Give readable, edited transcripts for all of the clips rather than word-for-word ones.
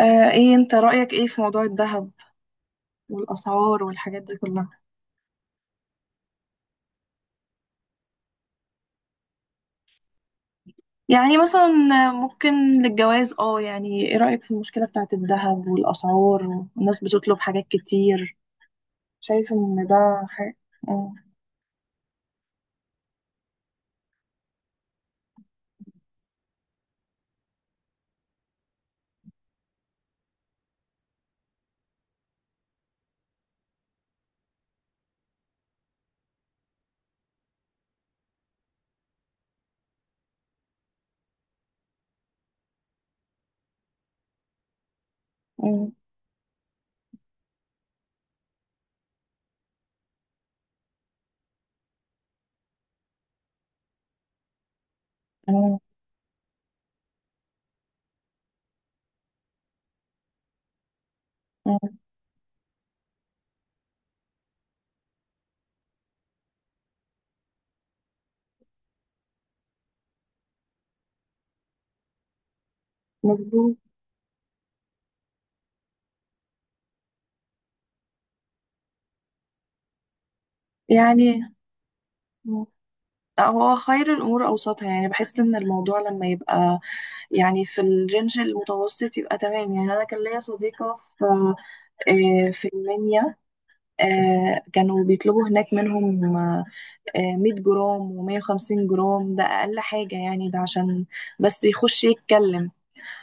ايه، انت رأيك ايه في موضوع الذهب والأسعار والحاجات دي كلها؟ يعني مثلا، ممكن للجواز، يعني ايه رأيك في المشكلة بتاعت الذهب والأسعار والناس بتطلب حاجات كتير؟ شايف ان ده حاجة. مم. مم. مم. مم. مظبوط. يعني. مم. لا، هو خير الأمور أوسطها، يعني بحس إن الموضوع لما يبقى يعني في الرينج المتوسط يبقى تمام. يعني أنا كان ليا صديقة في في المنيا. كانوا بيطلبوا هناك منهم، 100 جرام و150 جرام. ده أقل حاجة يعني، ده عشان بس يخش يتكلم.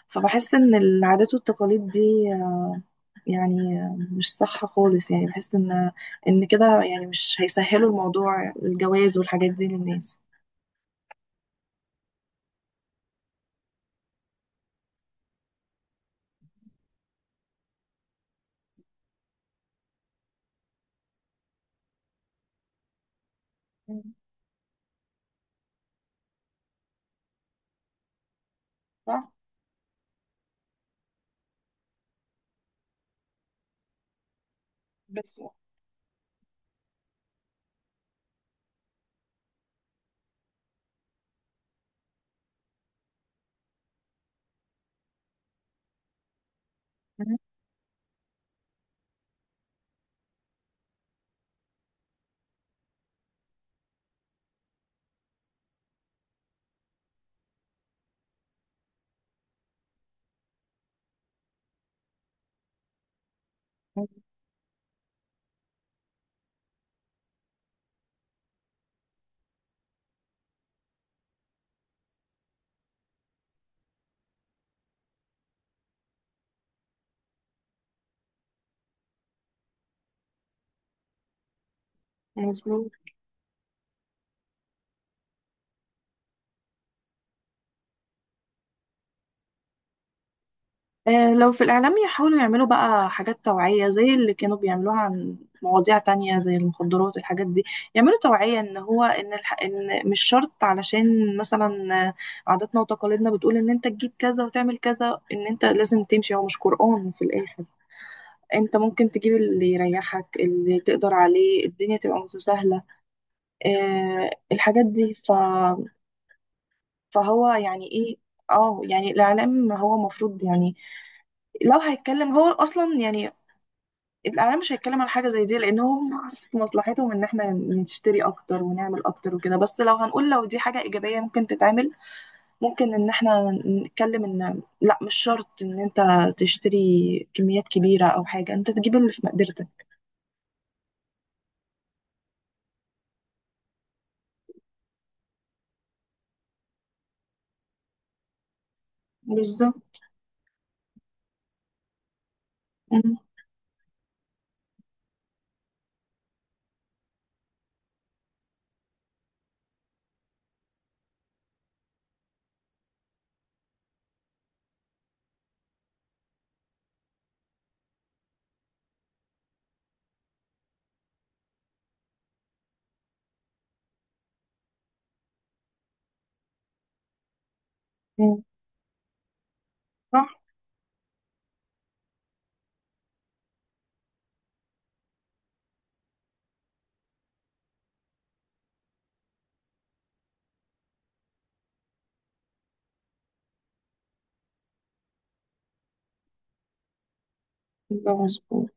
فبحس إن العادات والتقاليد دي آه، يعني مش صح خالص. يعني بحس إن كده يعني مش هيسهلوا الموضوع الجواز والحاجات دي للناس. مم. صح. بس مم. مظبوط. لو في الإعلام يحاولوا يعملوا بقى حاجات توعية زي اللي كانوا بيعملوها عن مواضيع تانية زي المخدرات، الحاجات دي. يعملوا توعية إن هو إن, الح... إن مش شرط، علشان مثلا عاداتنا وتقاليدنا بتقول إن أنت تجيب كذا وتعمل كذا، إن أنت لازم تمشي، هو مش قرآن في الآخر. أنت ممكن تجيب اللي يريحك، اللي تقدر عليه، الدنيا تبقى متساهلة، الحاجات دي فهو يعني إيه؟ اه يعني الإعلام هو مفروض، يعني لو هيتكلم هو اصلا يعني، الاعلام مش هيتكلم عن حاجه زي دي، لان هو في مصلحتهم ان احنا نشتري اكتر ونعمل اكتر وكده. بس لو هنقول لو دي حاجه ايجابيه ممكن تتعمل، ممكن ان احنا نتكلم ان لا، مش شرط ان انت تشتري كميات كبيره او حاجه، انت تجيب اللي في مقدرتك. بالظبط. مم. مم. صح. ده مظبوط.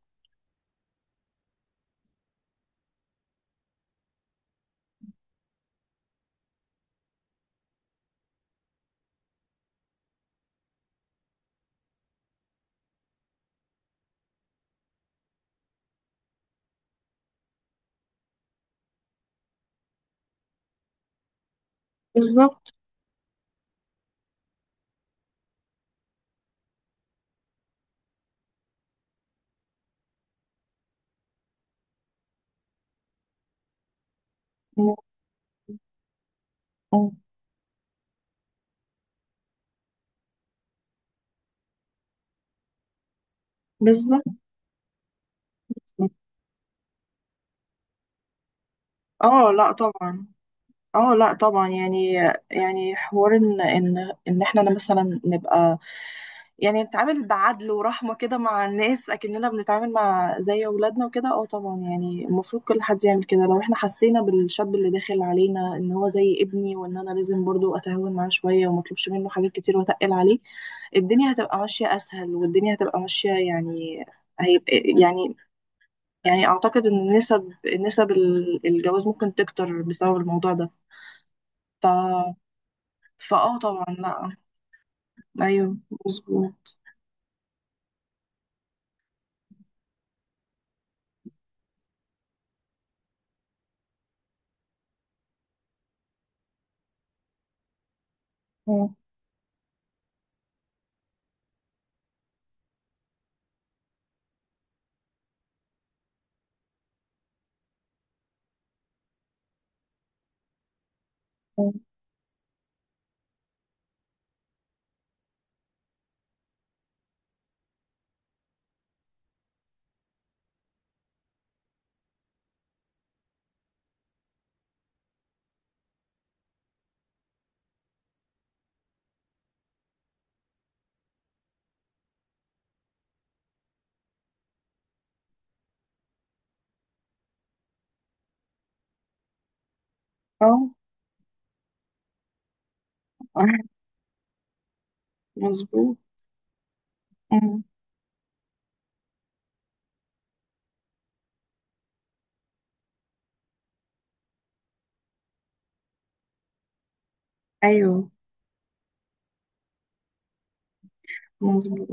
بالظبط. مم. مم. بالظبط. اه لا طبعا اه لا طبعا يعني، يعني حوار ان احنا مثلا نبقى، يعني نتعامل بعدل ورحمة كده مع الناس، أكننا بنتعامل مع زي أولادنا وكده. اه طبعا يعني المفروض كل حد يعمل كده، لو احنا حسينا بالشاب اللي داخل علينا إن هو زي ابني، وإن أنا لازم برضو أتهاون معاه شوية ومطلبش منه حاجات كتير وأتقل عليه. الدنيا هتبقى ماشية أسهل، والدنيا هتبقى ماشية، يعني هيبقى، يعني يعني أعتقد إن نسب الجواز ممكن تكتر بسبب الموضوع ده. ف فاه طبعا لأ. أيوه. مظبوط. اه. اه. آه. مظبوط. أمم. ايوه. مظبوط.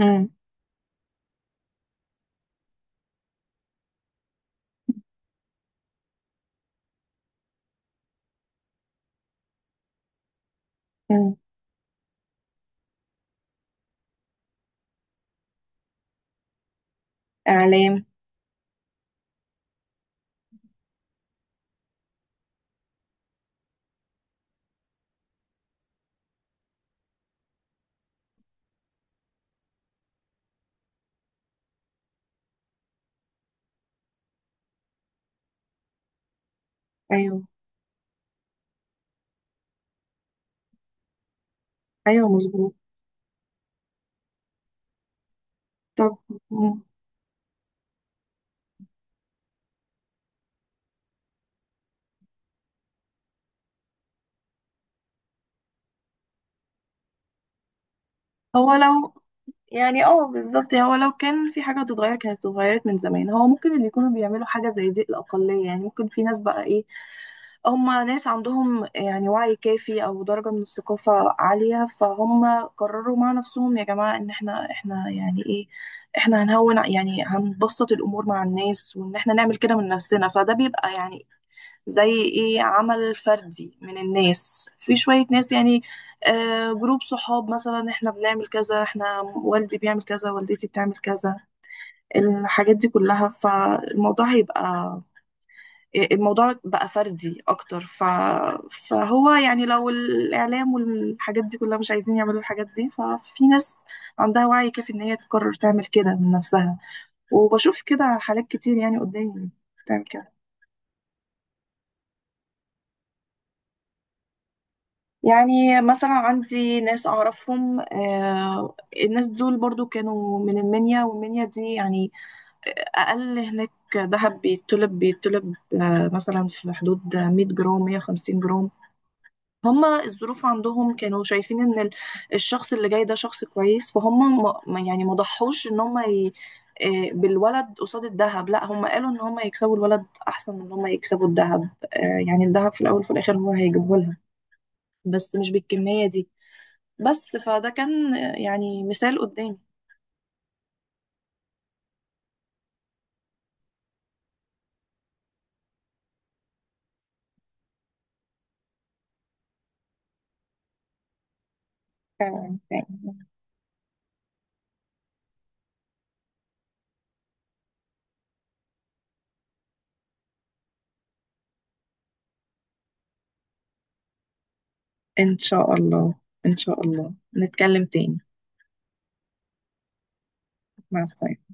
أمم. أمم. اعلام. ايوه. ايوه. مظبوط. طب. أمم. هو لو يعني اه بالظبط، هو لو كان في حاجه تتغير كانت اتغيرت من زمان. هو ممكن اللي يكونوا بيعملوا حاجه زي دي الاقليه، يعني ممكن في ناس بقى ايه، هم ناس عندهم يعني وعي كافي او درجه من الثقافه عاليه، فهم قرروا مع نفسهم، يا جماعه ان احنا يعني ايه، احنا هنهون يعني، هنبسط الامور مع الناس وان احنا نعمل كده من نفسنا، فده بيبقى يعني زي ايه، عمل فردي من الناس. في شوية ناس يعني، جروب صحاب مثلا، احنا بنعمل كذا، احنا والدي بيعمل كذا، والدتي بتعمل كذا، الحاجات دي كلها، فالموضوع هيبقى، الموضوع بقى فردي اكتر فهو يعني لو الاعلام والحاجات دي كلها مش عايزين يعملوا الحاجات دي، ففي ناس عندها وعي كافي ان هي تقرر تعمل كده من نفسها، وبشوف كده حالات كتير يعني قدامي بتعمل كده. يعني مثلا عندي ناس أعرفهم، الناس دول برضو كانوا من المنيا، والمنيا دي يعني أقل هناك ذهب بيتطلب مثلا في حدود 100 جرام، 150 جرام. هما الظروف عندهم كانوا شايفين إن الشخص اللي جاي ده شخص كويس، فهم يعني ما ضحوش إن هما ي... آه، بالولد قصاد الذهب. لا، هم قالوا إن هما يكسبوا الولد أحسن من إن هما يكسبوا الذهب. يعني الذهب في الأول وفي الآخر هو هيجيبه لها، بس مش بالكمية دي. بس فده كان يعني مثال قدامي. فعلا. إن شاء الله. إن شاء الله نتكلم تاني. مع السلامة.